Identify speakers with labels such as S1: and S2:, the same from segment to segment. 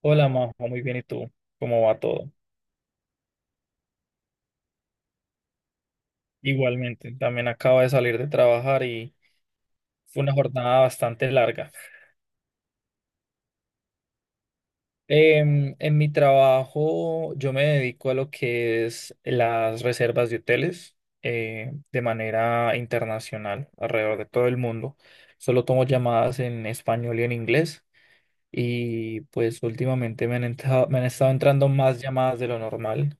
S1: Hola, Majo, muy bien, ¿y tú? ¿Cómo va todo? Igualmente, también acabo de salir de trabajar y fue una jornada bastante larga. En mi trabajo yo me dedico a lo que es las reservas de hoteles de manera internacional alrededor de todo el mundo. Solo tomo llamadas en español y en inglés y pues últimamente me han estado entrando más llamadas de lo normal.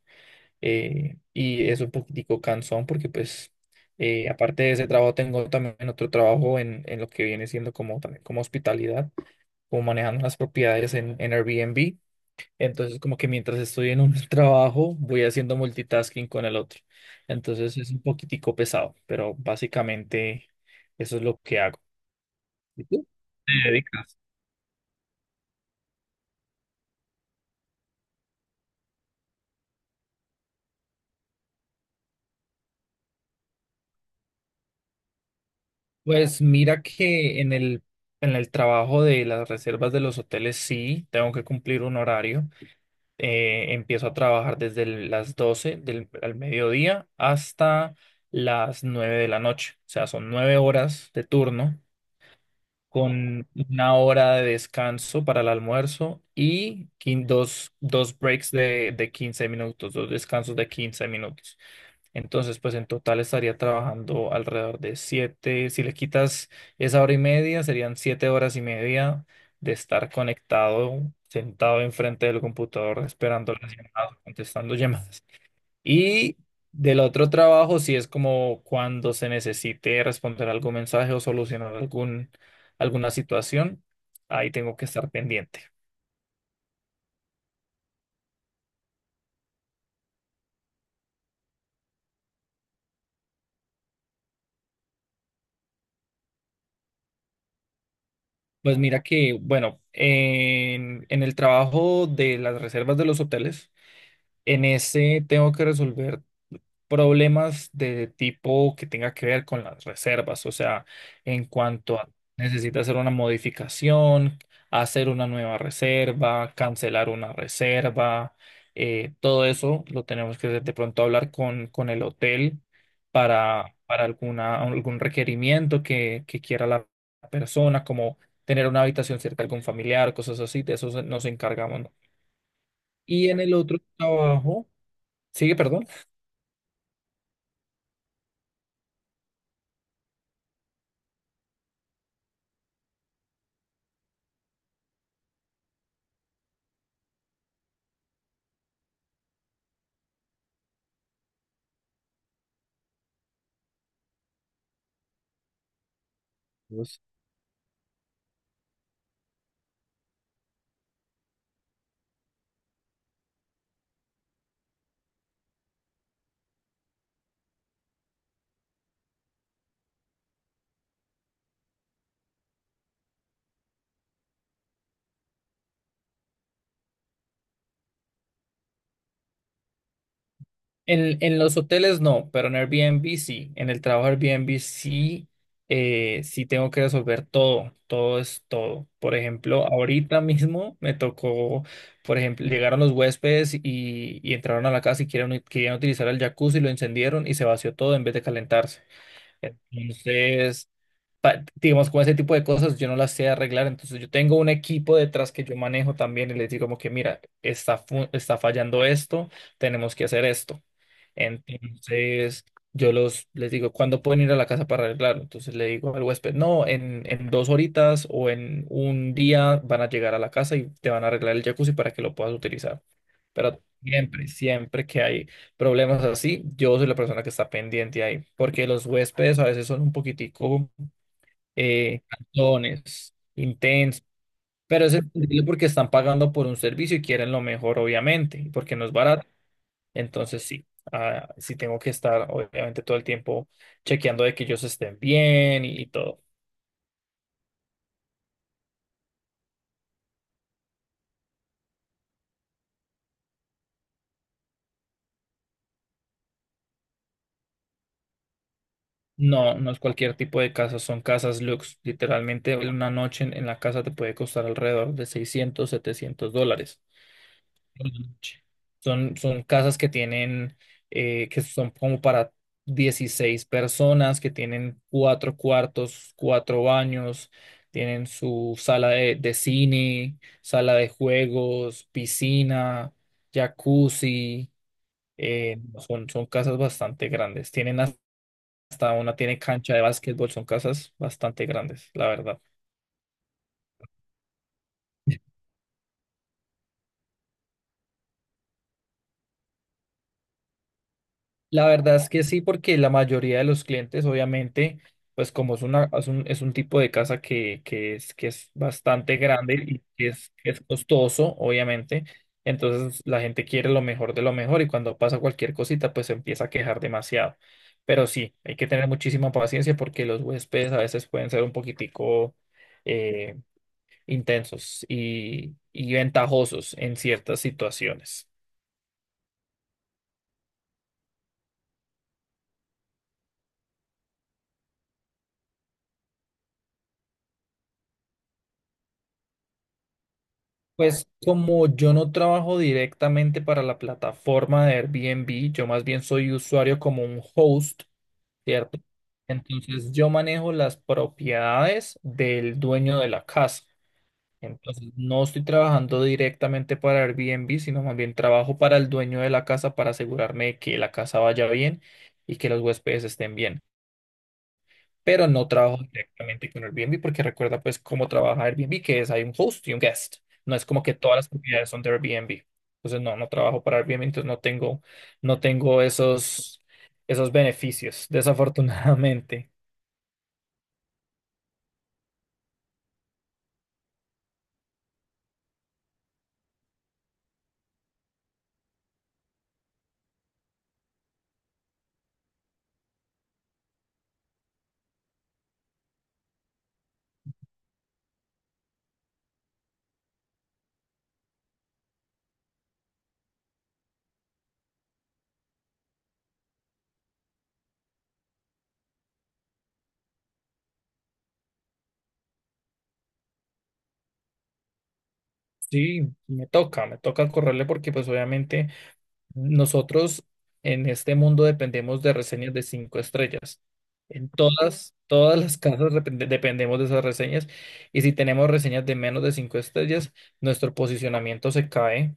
S1: Y es un poquitico cansón porque pues aparte de ese trabajo tengo también otro trabajo en lo que viene siendo como también como hospitalidad, como manejando las propiedades en Airbnb. Entonces como que mientras estoy en un trabajo voy haciendo multitasking con el otro. Entonces es un poquitico pesado, pero básicamente eso es lo que hago. ¿Y tú? ¿Te dedicas? Pues mira que en el trabajo de las reservas de los hoteles sí, tengo que cumplir un horario. Empiezo a trabajar las 12 del al mediodía hasta las 9 de la noche. O sea, son 9 horas de turno con una hora de descanso para el almuerzo y dos breaks de 15 minutos, dos descansos de 15 minutos. Entonces, pues en total estaría trabajando alrededor de siete, si le quitas esa hora y media, serían 7 horas y media de estar conectado, sentado enfrente del computador, esperando las llamadas, contestando llamadas. Y del otro trabajo, si es como cuando se necesite responder algún mensaje o solucionar alguna situación, ahí tengo que estar pendiente. Pues mira que, bueno, en el trabajo de las reservas de los hoteles, en ese tengo que resolver problemas de tipo que tenga que ver con las reservas, o sea, en cuanto a necesita hacer una modificación, hacer una nueva reserva, cancelar una reserva, todo eso lo tenemos que de pronto hablar con el hotel para algún requerimiento que quiera la persona, como tener una habitación cerca de algún familiar, cosas así, de eso nos encargamos, ¿no? Y en el otro trabajo, sigue, perdón. Vos- En, En los hoteles no, pero en Airbnb sí. En el trabajo Airbnb sí, sí tengo que resolver todo. Todo es todo. Por ejemplo, ahorita mismo me tocó, por ejemplo, llegaron los huéspedes y entraron a la casa y querían utilizar el jacuzzi, lo encendieron y se vació todo en vez de calentarse. Entonces, digamos, con ese tipo de cosas yo no las sé arreglar, entonces yo tengo un equipo detrás que yo manejo también y les digo como que, mira, está fallando esto, tenemos que hacer esto. Entonces, yo los, les digo, ¿cuándo pueden ir a la casa para arreglarlo? Entonces le digo al huésped, no, en dos horitas o en un día van a llegar a la casa y te van a arreglar el jacuzzi para que lo puedas utilizar. Pero siempre, siempre que hay problemas así, yo soy la persona que está pendiente ahí, porque los huéspedes a veces son un poquitico cantones, intensos, pero es entendible porque están pagando por un servicio y quieren lo mejor, obviamente, y porque no es barato. Entonces sí tengo que estar, obviamente, todo el tiempo chequeando de que ellos estén bien y todo. No, no es cualquier tipo de casa, son casas lux. Literalmente una noche en la casa te puede costar alrededor de 600 700 dólares. Son, son casas que tienen, que son como para 16 personas, que tienen cuatro cuartos, cuatro baños, tienen su sala de cine, sala de juegos, piscina, jacuzzi. eh, son casas bastante grandes. Tiene cancha de básquetbol, son casas bastante grandes, la verdad. La verdad es que sí, porque la mayoría de los clientes, obviamente, pues como es un tipo de casa que es bastante grande y que es costoso, obviamente, entonces la gente quiere lo mejor de lo mejor y cuando pasa cualquier cosita, pues se empieza a quejar demasiado. Pero sí, hay que tener muchísima paciencia porque los huéspedes a veces pueden ser un poquitico eh, intensos y ventajosos en ciertas situaciones. Pues como yo no trabajo directamente para la plataforma de Airbnb, yo más bien soy usuario como un host, ¿cierto? Entonces yo manejo las propiedades del dueño de la casa. Entonces no estoy trabajando directamente para Airbnb, sino más bien trabajo para el dueño de la casa para asegurarme de que la casa vaya bien y que los huéspedes estén bien, pero no trabajo directamente con Airbnb porque recuerda pues cómo trabaja Airbnb, que es hay un host y un guest. No es como que todas las propiedades son de Airbnb. Entonces no, no trabajo para Airbnb, entonces no tengo esos beneficios, desafortunadamente. Sí, me toca correrle porque pues obviamente nosotros en este mundo dependemos de reseñas de 5 estrellas. En todas, todas las casas dependemos de esas reseñas. Y si tenemos reseñas de menos de 5 estrellas, nuestro posicionamiento se cae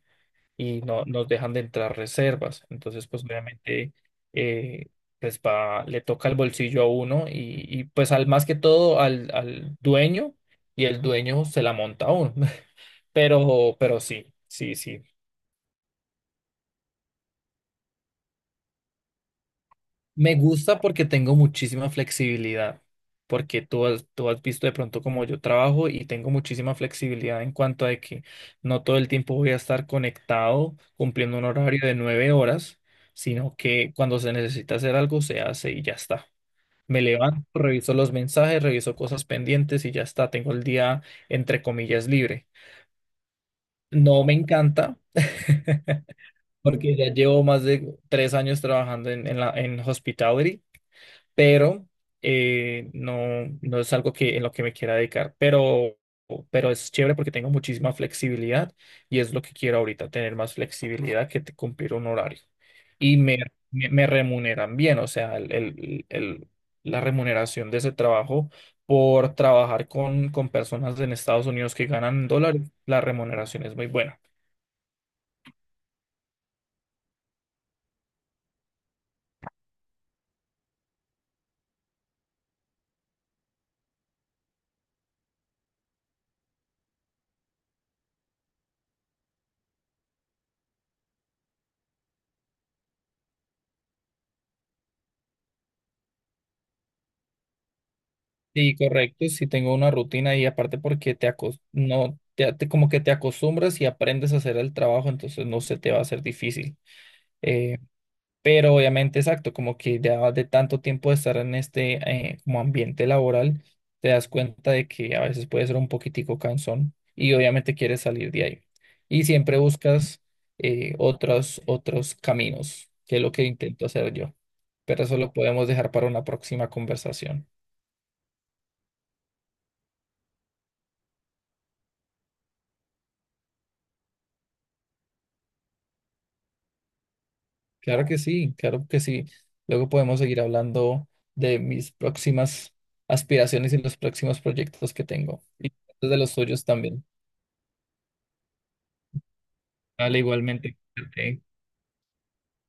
S1: y no nos dejan de entrar reservas. Entonces, pues obviamente, eh, pues va, le toca el bolsillo a uno pues al más que todo al, al dueño y el dueño se la monta a uno. Pero sí, sí, sí. Me gusta porque tengo muchísima flexibilidad, porque tú has visto de pronto cómo yo trabajo y tengo muchísima flexibilidad en cuanto a que no todo el tiempo voy a estar conectado cumpliendo un horario de 9 horas, sino que cuando se necesita hacer algo se hace y ya está. Me levanto, reviso los mensajes, reviso cosas pendientes y ya está. Tengo el día, entre comillas, libre. No me encanta porque ya llevo más de 3 años trabajando en la, en hospitality, pero no, no es algo que, en lo que me quiera dedicar, pero es chévere porque tengo muchísima flexibilidad y es lo que quiero ahorita, tener más flexibilidad que cumplir un horario. Y me remuneran bien, o sea, la remuneración de ese trabajo por trabajar con personas en Estados Unidos que ganan en dólares, la remuneración es muy buena. Sí, correcto, sí tengo una rutina y aparte porque no como que te acostumbras y aprendes a hacer el trabajo, entonces no se te va a hacer difícil. Eh, pero obviamente, exacto, como que ya de tanto tiempo de estar en este como ambiente laboral, te das cuenta de que a veces puede ser un poquitico cansón y obviamente quieres salir de ahí. Y siempre buscas otros caminos, que es lo que intento hacer yo. Pero eso lo podemos dejar para una próxima conversación. Claro que sí, claro que sí. Luego podemos seguir hablando de mis próximas aspiraciones y los próximos proyectos que tengo. Y de los suyos también. Dale, igualmente. Cuídate.